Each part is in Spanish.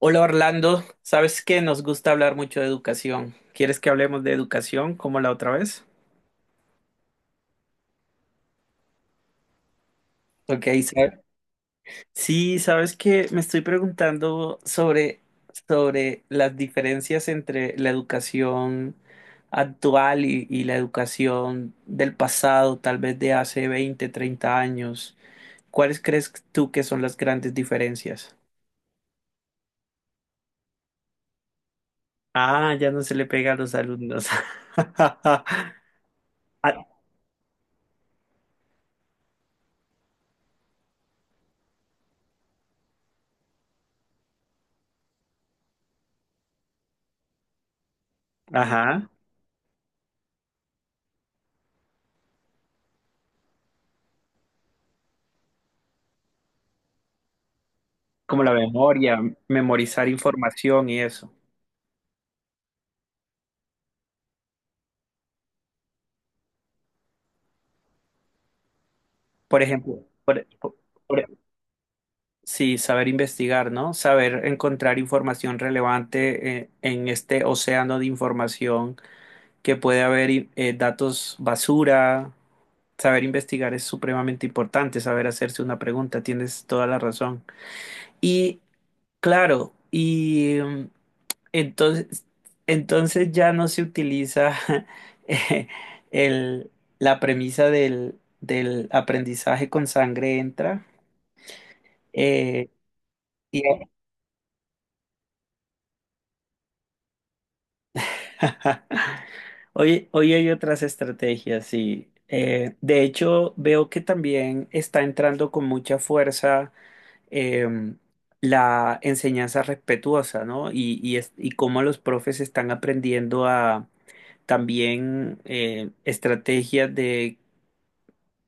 Hola Orlando, sabes que nos gusta hablar mucho de educación. ¿Quieres que hablemos de educación como la otra vez? Ok. Sí, sabes que me estoy preguntando sobre las diferencias entre la educación actual y la educación del pasado, tal vez de hace 20, 30 años. ¿Cuáles crees tú que son las grandes diferencias? Ah, ya no se le pega a los alumnos. Ah. Ajá. Como la memoria, memorizar información y eso. Por ejemplo, por- sí, saber investigar, ¿no? Saber encontrar información relevante en este océano de información que puede haber datos basura. Saber investigar es supremamente importante, saber hacerse una pregunta, tienes toda la razón. Y claro, Entonces, entonces ya no se utiliza eh, el- la premisa del aprendizaje con sangre entra. eh, y- hoy hay otras estrategias, sí. De hecho, veo que también está entrando con mucha fuerza eh, la enseñanza respetuosa, ¿no? Y cómo los profes están aprendiendo a también estrategias de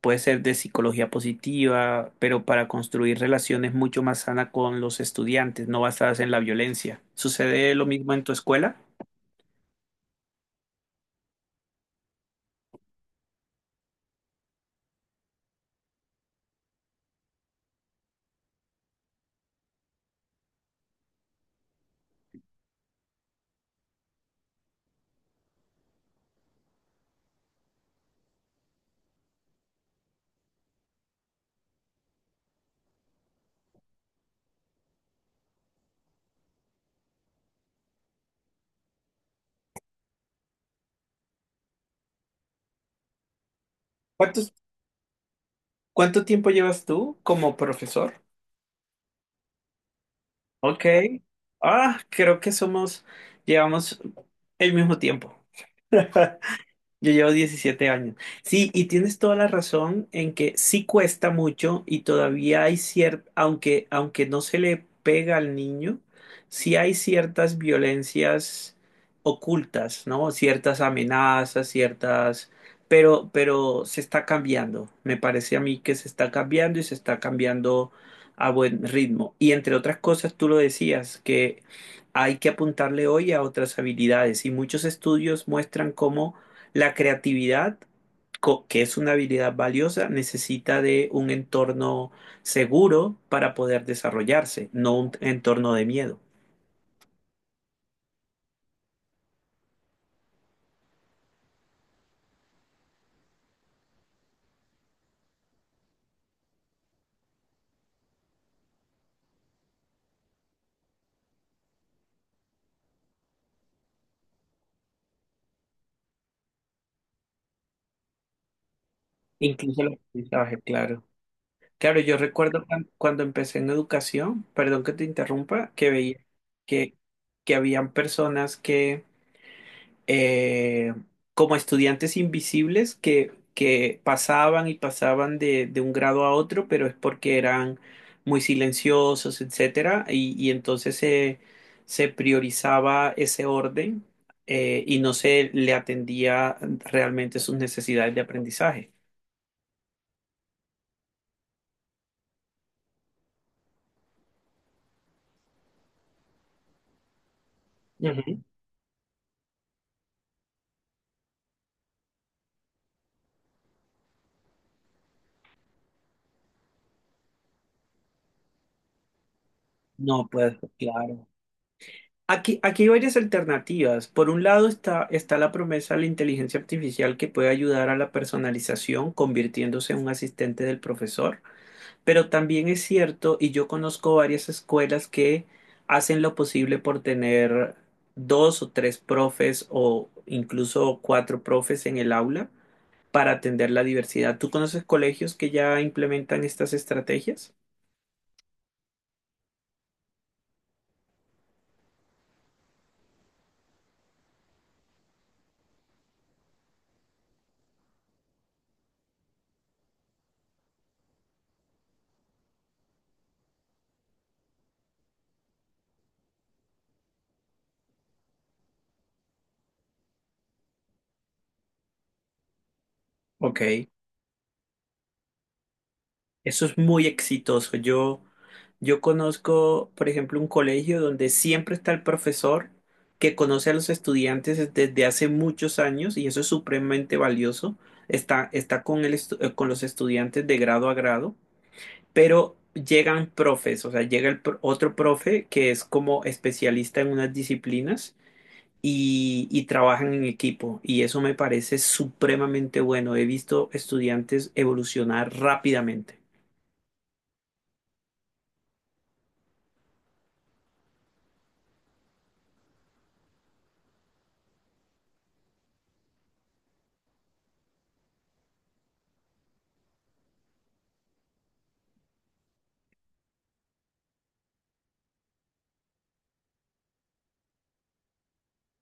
puede ser de psicología positiva, pero para construir relaciones mucho más sanas con los estudiantes, no basadas en la violencia. ¿Sucede lo mismo en tu escuela? ¿Cuántos- cuánto tiempo llevas tú como profesor? Ok. Ah, creo que llevamos el mismo tiempo. Yo llevo 17 años. Sí, y tienes toda la razón en que sí cuesta mucho y todavía hay cierta, aunque no se le pega al niño, sí hay ciertas violencias ocultas, ¿no? Ciertas amenazas, ciertas, pero se está cambiando. Me parece a mí que se está cambiando y se está cambiando a buen ritmo. Y entre otras cosas, tú lo decías, que hay que apuntarle hoy a otras habilidades y muchos estudios muestran cómo la creatividad, que es una habilidad valiosa, necesita de un entorno seguro para poder desarrollarse, no un entorno de miedo. Incluso el aprendizaje, claro. Claro, yo recuerdo cuando empecé en educación, perdón que te interrumpa, que veía que, que habían personas que eh, como estudiantes invisibles que pasaban y pasaban de un grado a otro, pero es porque eran muy silenciosos, etcétera, y entonces se priorizaba ese orden y no se le atendía realmente sus necesidades de aprendizaje. Ujú. No, pues claro. Aquí hay varias alternativas. Por un lado está la promesa de la inteligencia artificial que puede ayudar a la personalización, convirtiéndose en un asistente del profesor. Pero también es cierto, y yo conozco varias escuelas que hacen lo posible por tener dos o tres profes o incluso cuatro profes en el aula para atender la diversidad. ¿Tú conoces colegios que ya implementan estas estrategias? Ok. Eso es muy exitoso. Yo conozco, por ejemplo, un colegio donde siempre está el profesor que conoce a los estudiantes desde hace muchos años y eso es supremamente valioso. Está con el con los estudiantes de grado a grado, pero llegan profes, o sea, llega otro profe que es como especialista en unas disciplinas y trabajan en equipo y eso me parece supremamente bueno. He visto estudiantes evolucionar rápidamente.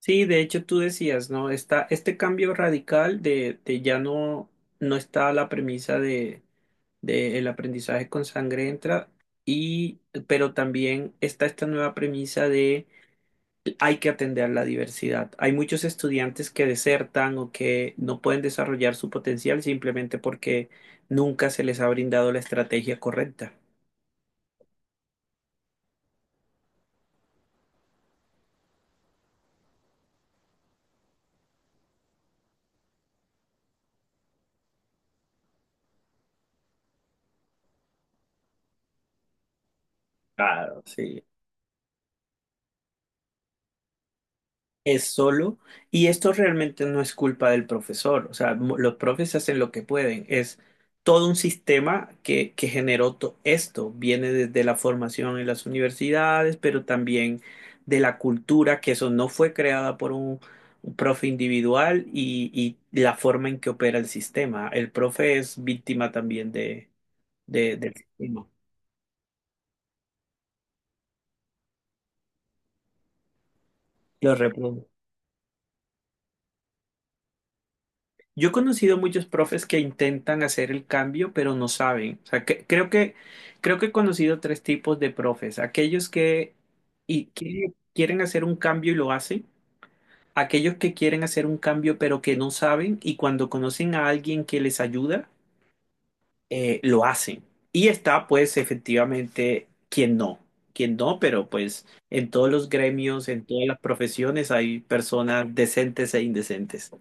Sí, de hecho tú decías, ¿no? Está este cambio radical de ya no está la premisa de el aprendizaje con sangre entra, y, pero también está esta nueva premisa de hay que atender la diversidad. Hay muchos estudiantes que desertan o que no pueden desarrollar su potencial simplemente porque nunca se les ha brindado la estrategia correcta. Claro, sí. Es solo, y esto realmente no es culpa del profesor, o sea, los profes hacen lo que pueden, es todo un sistema que generó esto, viene desde la formación en las universidades, pero también de la cultura, que eso no fue creada por un profe individual y la forma en que opera el sistema. El profe es víctima también del sistema, lo reproduce. Yo he conocido muchos profes que intentan hacer el cambio, pero no saben. O sea, creo que he conocido tres tipos de profes. Aquellos que quieren hacer un cambio y lo hacen. Aquellos que quieren hacer un cambio, pero que no saben. Y cuando conocen a alguien que les ayuda, lo hacen. Y está, pues, efectivamente, quien no. Quien no, pero pues en todos los gremios, en todas las profesiones hay personas decentes e indecentes.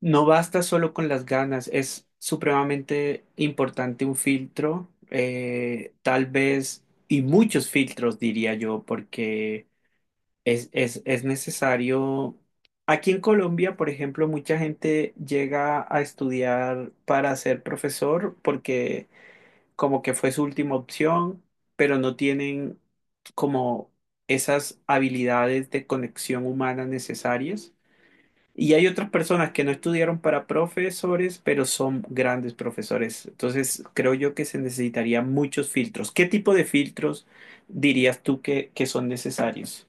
No basta solo con las ganas, es supremamente importante un filtro, tal vez, y muchos filtros, diría yo, porque es necesario. Aquí en Colombia, por ejemplo, mucha gente llega a estudiar para ser profesor porque como que fue su última opción, pero no tienen como esas habilidades de conexión humana necesarias. Y hay otras personas que no estudiaron para profesores, pero son grandes profesores. Entonces, creo yo que se necesitaría muchos filtros. ¿Qué tipo de filtros dirías tú que son necesarios?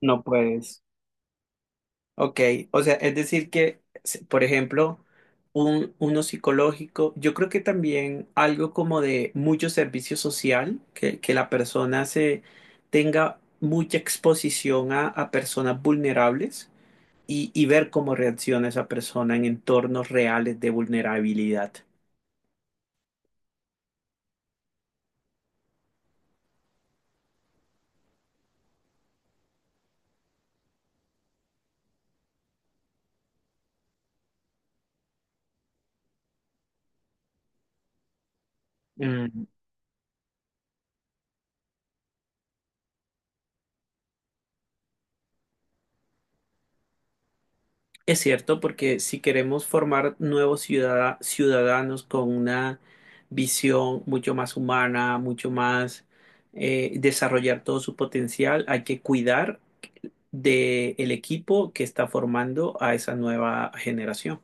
No puedes. Ok, o sea, es decir por ejemplo, uno psicológico, yo creo que también algo como de mucho servicio social, que la persona se tenga mucha exposición a personas vulnerables y ver cómo reacciona esa persona en entornos reales de vulnerabilidad. Mm. Es cierto, porque si queremos formar nuevos ciudadanos con una visión mucho más humana, mucho más desarrollar todo su potencial, hay que cuidar del equipo que está formando a esa nueva generación.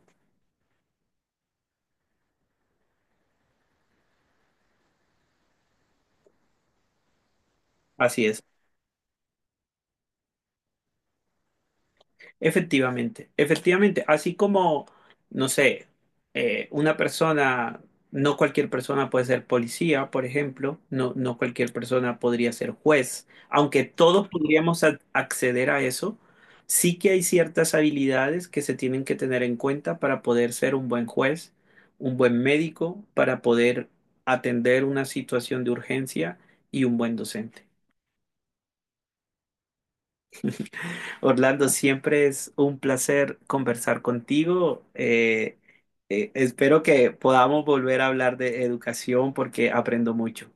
Así es. Efectivamente, efectivamente, así como, no sé, una persona, no cualquier persona puede ser policía, por ejemplo, no, no cualquier persona podría ser juez, aunque todos podríamos acceder a eso, sí que hay ciertas habilidades que se tienen que tener en cuenta para poder ser un buen juez, un buen médico, para poder atender una situación de urgencia y un buen docente. Orlando, siempre es un placer conversar contigo. Espero que podamos volver a hablar de educación porque aprendo mucho.